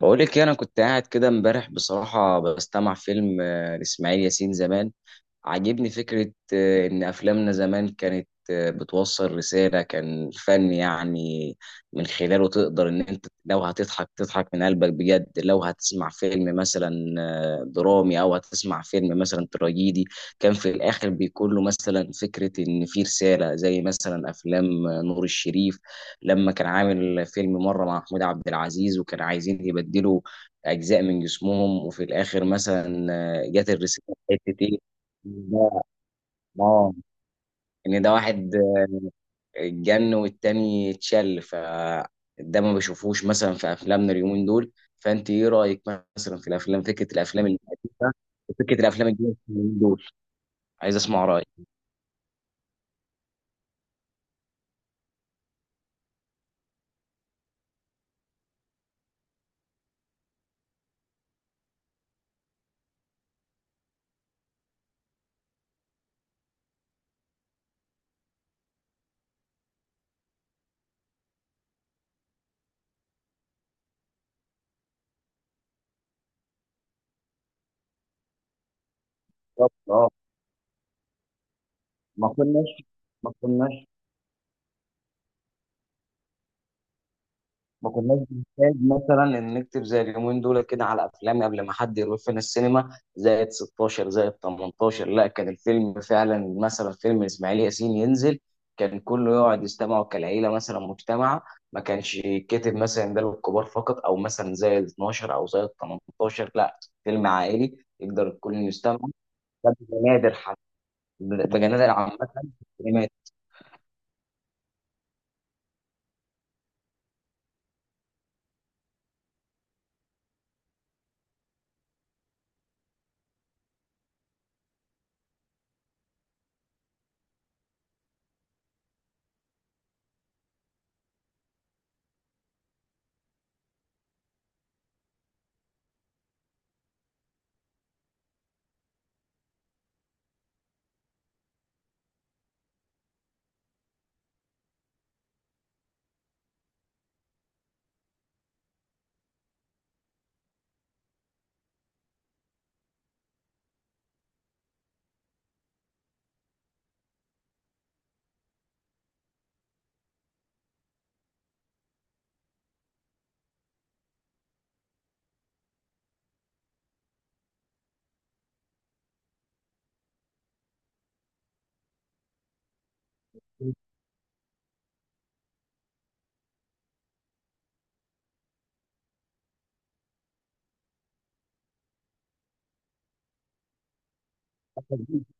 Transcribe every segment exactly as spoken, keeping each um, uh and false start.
بقولك إيه، انا كنت قاعد كده امبارح بصراحه بستمع فيلم آه، لاسماعيل ياسين زمان. عاجبني فكرة آه، إن أفلامنا زمان كانت آه، بتوصل رسالة، كان فن يعني. من خلاله تقدر إن أنت لو هتضحك تضحك من قلبك بجد، لو هتسمع فيلم مثلا آه، درامي أو هتسمع فيلم مثلا تراجيدي كان في الآخر بيكون له مثلا فكرة إن في رسالة، زي مثلا أفلام آه، نور الشريف لما كان عامل فيلم مرة مع محمود عبد العزيز وكان عايزين يبدلوا أجزاء من جسمهم وفي الآخر مثلا آه، جت الرسالة. حتة إيه ده؟ اه، ان ده واحد اتجن والتاني اتشل، فده ما بشوفوش مثلا في افلامنا اليومين دول. فانت ايه رايك مثلا في الافلام، فكره الافلام الحديثه وفكره الافلام الجديده اليومين دول؟ عايز اسمع رايك. بالظبط، اه. ما كناش ما كناش ما كناش بنحتاج مثلا ان نكتب زي اليومين دول كده على افلام قبل ما حد يروح فينا السينما زائد ستاشر زائد تمنتاشر. لا، كان الفيلم فعلا، مثلا فيلم اسماعيل ياسين ينزل كان كله يقعد يستمعوا كالعيله، مثلا مجتمع. ما كانش يتكتب مثلا ده للكبار فقط، او مثلا زائد اتناشر او زائد تمنتاشر. لا، فيلم عائلي يقدر الكل يستمع. ده بقى نادر حتى، بقى نادر عامه في السينمات.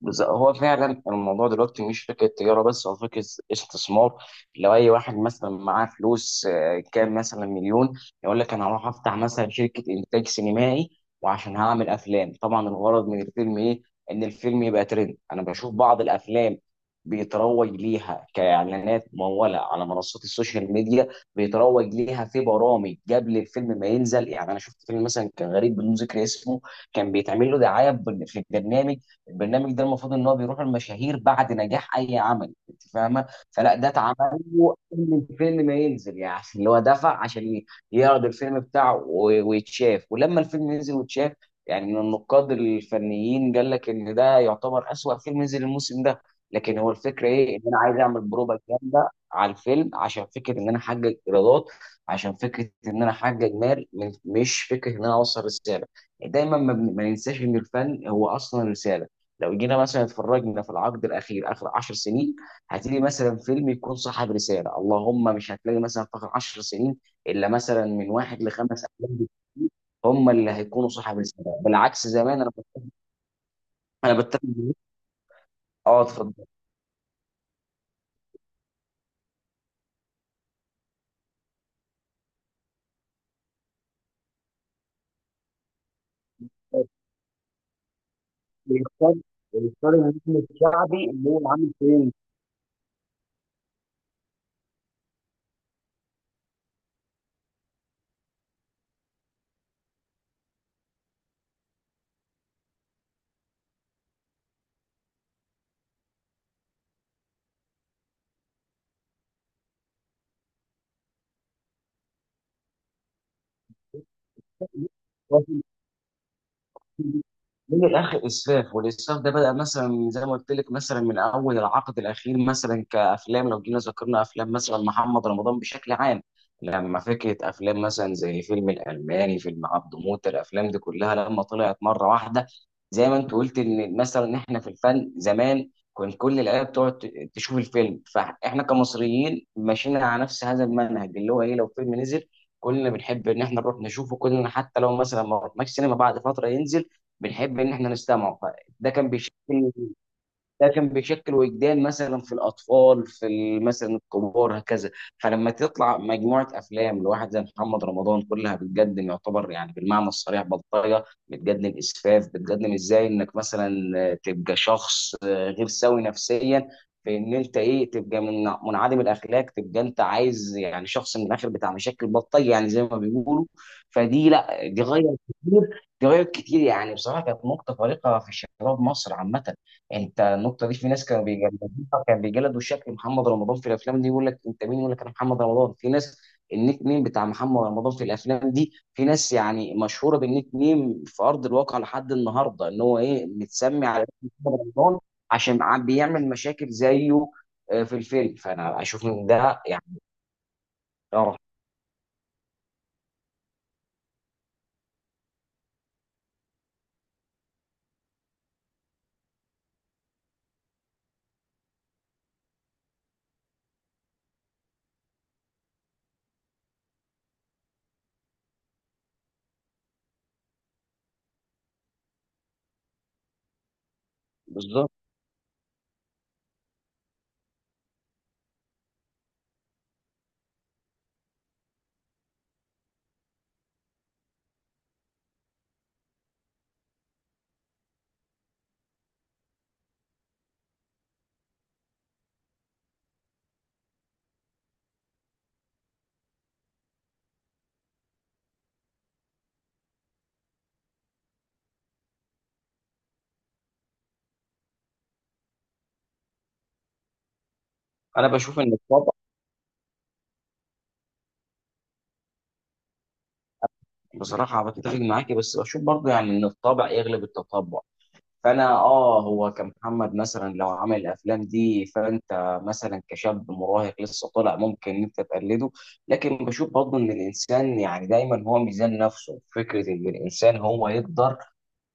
بز- هو فعلا الموضوع دلوقتي مش فكره تجاره بس، هو فكره استثمار. لو اي واحد مثلا معاه فلوس آه، كام مثلا مليون يقول لك انا هروح افتح مثلا شركه انتاج سينمائي، وعشان هعمل افلام. طبعا الغرض من الفيلم ايه؟ ان الفيلم يبقى ترند. انا بشوف بعض الافلام بيتروج ليها كاعلانات مموله على منصات السوشيال ميديا، بيتروج ليها في برامج قبل الفيلم ما ينزل. يعني انا شفت فيلم مثلا كان غريب بدون ذكر اسمه كان بيتعمل له دعايه في البرنامج. البرنامج ده المفروض ان هو بيروح المشاهير بعد نجاح اي عمل، انت فاهمه، فلا، ده اتعمل له قبل الفيلم ما ينزل. يعني اللي هو دفع عشان ي- يعرض الفيلم بتاعه و- ويتشاف. ولما الفيلم ينزل ويتشاف، يعني من النقاد الفنيين قال لك ان ده يعتبر اسوأ فيلم نزل الموسم ده. لكن هو الفكره ايه؟ ان انا عايز اعمل بروبا جامده على الفيلم عشان فكره ان انا احقق ايرادات، عشان فكره ان انا احقق مال من- مش فكره ان انا اوصل رساله. دايما ما بن- ما ننساش ان الفن هو اصلا رساله. لو جينا مثلا اتفرجنا في العقد الاخير، اخر 10 سنين، هتلاقي مثلا فيلم يكون صاحب رساله، اللهم مش هتلاقي مثلا في اخر 10 سنين الا مثلا من واحد لخمس افلام بالكتير هم اللي هيكونوا صاحب رساله. بالعكس زمان، انا انا بتفق معاك. اه، اتفضل. يختار، يختار النجم الشعبي اللي هو عامل فيلم. من الاخر اسفاف، والاسفاف ده بدا مثلا زي ما قلت لك مثلا من اول العقد الاخير مثلا كافلام. لو جينا ذكرنا افلام مثلا محمد رمضان بشكل عام لما فكره افلام مثلا زي فيلم الالماني، فيلم عبده موته، الافلام دي كلها لما طلعت مره واحده. زي ما انت قلت، ان مثلا احنا في الفن زمان كان كل العيله بتقعد ت- تشوف الفيلم. فاحنا كمصريين ماشيين على نفس هذا المنهج، اللي هو ايه؟ لو فيلم نزل كلنا بنحب ان احنا نروح نشوفه كلنا، حتى لو مثلا ما رحناش سينما بعد فتره ينزل بنحب ان احنا نستمعه. فده كان بيشاركني، ده كان بيشكل وجدان مثلا في الاطفال في ال- مثلا الكبار هكذا. فلما تطلع مجموعه افلام لواحد زي محمد رمضان كلها بتقدم، يعتبر يعني بالمعنى الصريح بلطجه، بتقدم اسفاف، بتقدم ازاي انك مثلا آه، تبقى شخص آه، غير سوي نفسيا، في ان انت ايه تبقى من منعدم الاخلاق، تبقى انت عايز يعني شخص من الاخر بتاع مشاكل بلطجه يعني زي ما بيقولوا. فدي لا، دي غير كتير، دي غير كتير يعني بصراحه. كانت نقطه فارقه في شباب مصر عامه. انت النقطه دي في ناس كانوا بيجلدوها، كان بيجلدوا شكل محمد رمضان في الافلام دي. يقول لك انت مين؟ يقول لك انا محمد رمضان. في ناس النيك نيم بتاع محمد رمضان في الافلام دي، في ناس يعني مشهوره بالنيك نيم في ارض الواقع لحد النهارده ان هو ايه متسمي على اسم محمد رمضان عشان عم بيعمل مشاكل زيه آه، في الفيلم. فانا اشوف ان ده يعني غلط. بالظبط، انا بشوف ان الطبع بصراحه. بتفق معاكي بس بشوف برضه يعني ان الطبع يغلب التطبع. فانا اه، هو كمحمد مثلا لو عمل الافلام دي فانت مثلا كشاب مراهق لسه طالع ممكن إن انت تقلده. لكن بشوف برضه ان الانسان يعني دايما هو ميزان نفسه، فكره ان الانسان هو يقدر،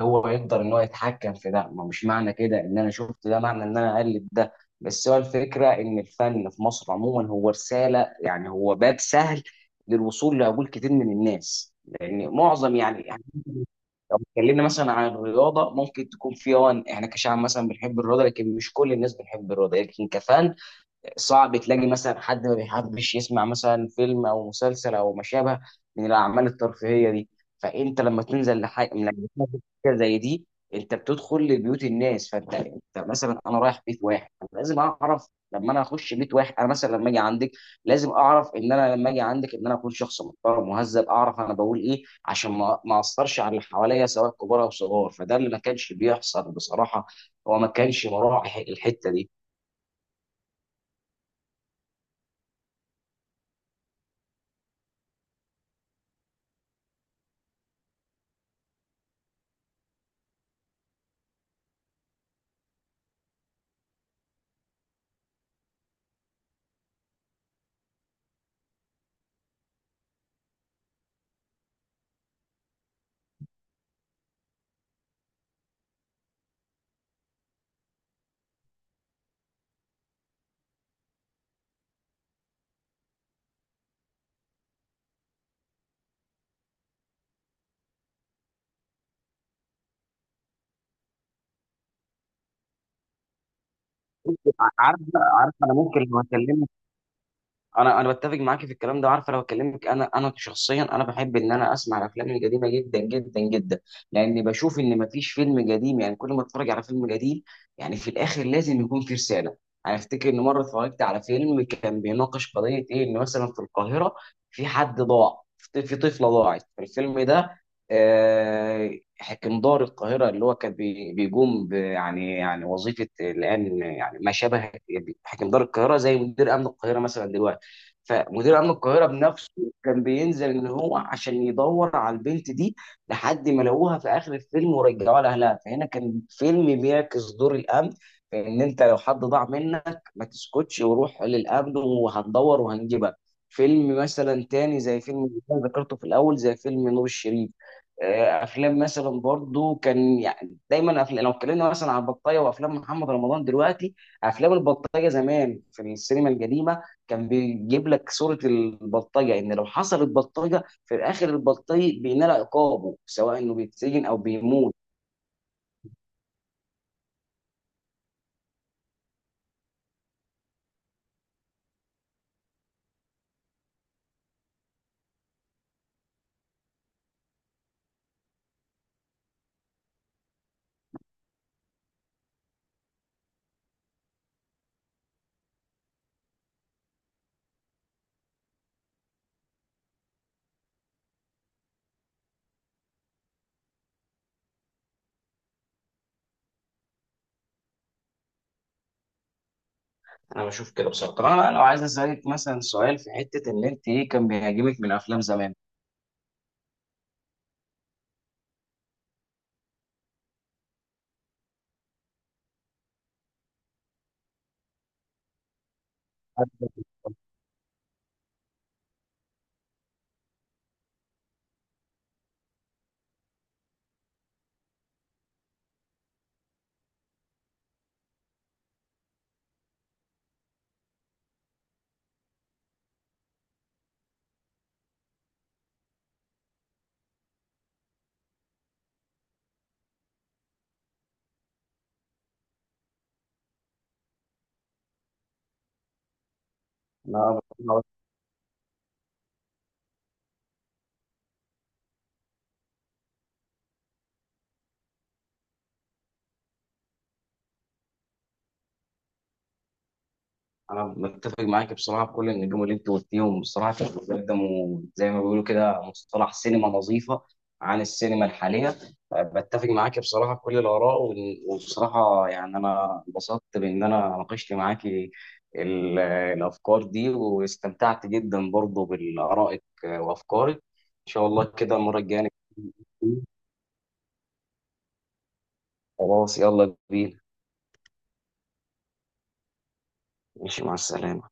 هو يقدر ان هو يتحكم في ده. ما مش معنى كده ان انا شفت ده معنى ان انا اقلد ده. بس هو الفكره ان الفن في مصر عموما هو رساله، يعني هو باب سهل للوصول لعقول كتير من الناس، لان معظم يعني، لو اتكلمنا مثلا عن الرياضه ممكن تكون في اه احنا كشعب مثلا بنحب الرياضه، لكن مش كل الناس بنحب الرياضه. لكن كفان صعب تلاقي مثلا حد ما بيحبش يسمع مثلا فيلم او مسلسل او ما شابه من الاعمال الترفيهيه دي. فانت لما تنزل لحاجه، لما تنزل حاجه زي دي انت بتدخل لبيوت الناس. فانت، انت مثلا انا رايح بيت واحد لازم اعرف، لما انا اخش بيت واحد، انا مثلا لما اجي عندك لازم اعرف ان انا لما اجي عندك ان انا اكون شخص محترم مهذب، اعرف انا بقول ايه عشان ما ما اثرش على اللي حواليا سواء كبار او صغار. فده اللي ما كانش بيحصل بصراحه، هو ما كانش مراعي الحته دي. عارف، عارف انا ممكن لو اكلمك، انا انا بتفق معاكي في الكلام ده. عارفه لو اكلمك انا، انا شخصيا انا بحب ان انا اسمع الافلام القديمه جدا جدا جدا، لاني بشوف ان مفيش فيلم قديم يعني كل ما اتفرج على فيلم قديم يعني في الاخر لازم يكون في رساله. انا افتكر ان مره اتفرجت على فيلم كان بيناقش قضيه ايه، ان مثلا في القاهره في حد ضاع، في في طفله ضاعت في الفيلم ده. آه، حكم دار القاهره اللي هو كان بي- بيقوم ب- يعني يعني وظيفه الان يعني ما شابه، حكم دار القاهره زي مدير امن القاهره مثلا دلوقتي. فمدير امن القاهره بنفسه كان بينزل ان هو عشان يدور على البنت دي لحد ما لقوها في اخر الفيلم ورجعوها لاهلها. فهنا كان فيلم بيعكس دور الامن في ان انت لو حد ضاع منك ما تسكتش وروح للامن وهندور وهنجيبك. فيلم مثلا تاني زي فيلم اللي أنا ذكرته في الاول زي فيلم نور الشريف، آه، افلام مثلا برضو كان يعني دايما أفلام. لو اتكلمنا مثلا عن البطايه وافلام محمد رمضان دلوقتي، افلام البطايه زمان في السينما القديمه كان بيجيب لك صورة البلطجة إن لو حصلت بلطجة في الآخر البلطجي بينال عقابه، سواء إنه بيتسجن أو بيموت. أنا بشوف كده بصراحة. طب أنا بقى لو عايز أسألك مثلا سؤال في حتة، إن أنت إيه كان بيعجبك من أفلام زمان؟ أنا انا متفق معاك بصراحه بكل النجوم اللي انت قلتيهم. بصراحه كانوا بيقدموا زي ما بيقولوا كده مصطلح سينما نظيفه عن السينما الحاليه. أه، بتفق معاك بصراحه في كل الاراء. وإن- وبصراحه يعني انا انبسطت بان انا ناقشت معاك ال- الافكار دي، واستمتعت جدا برضه بارائك وافكارك. ان شاء الله كده المره الجايه نتكلم. خلاص يلا بينا. ماشي، مع السلامه.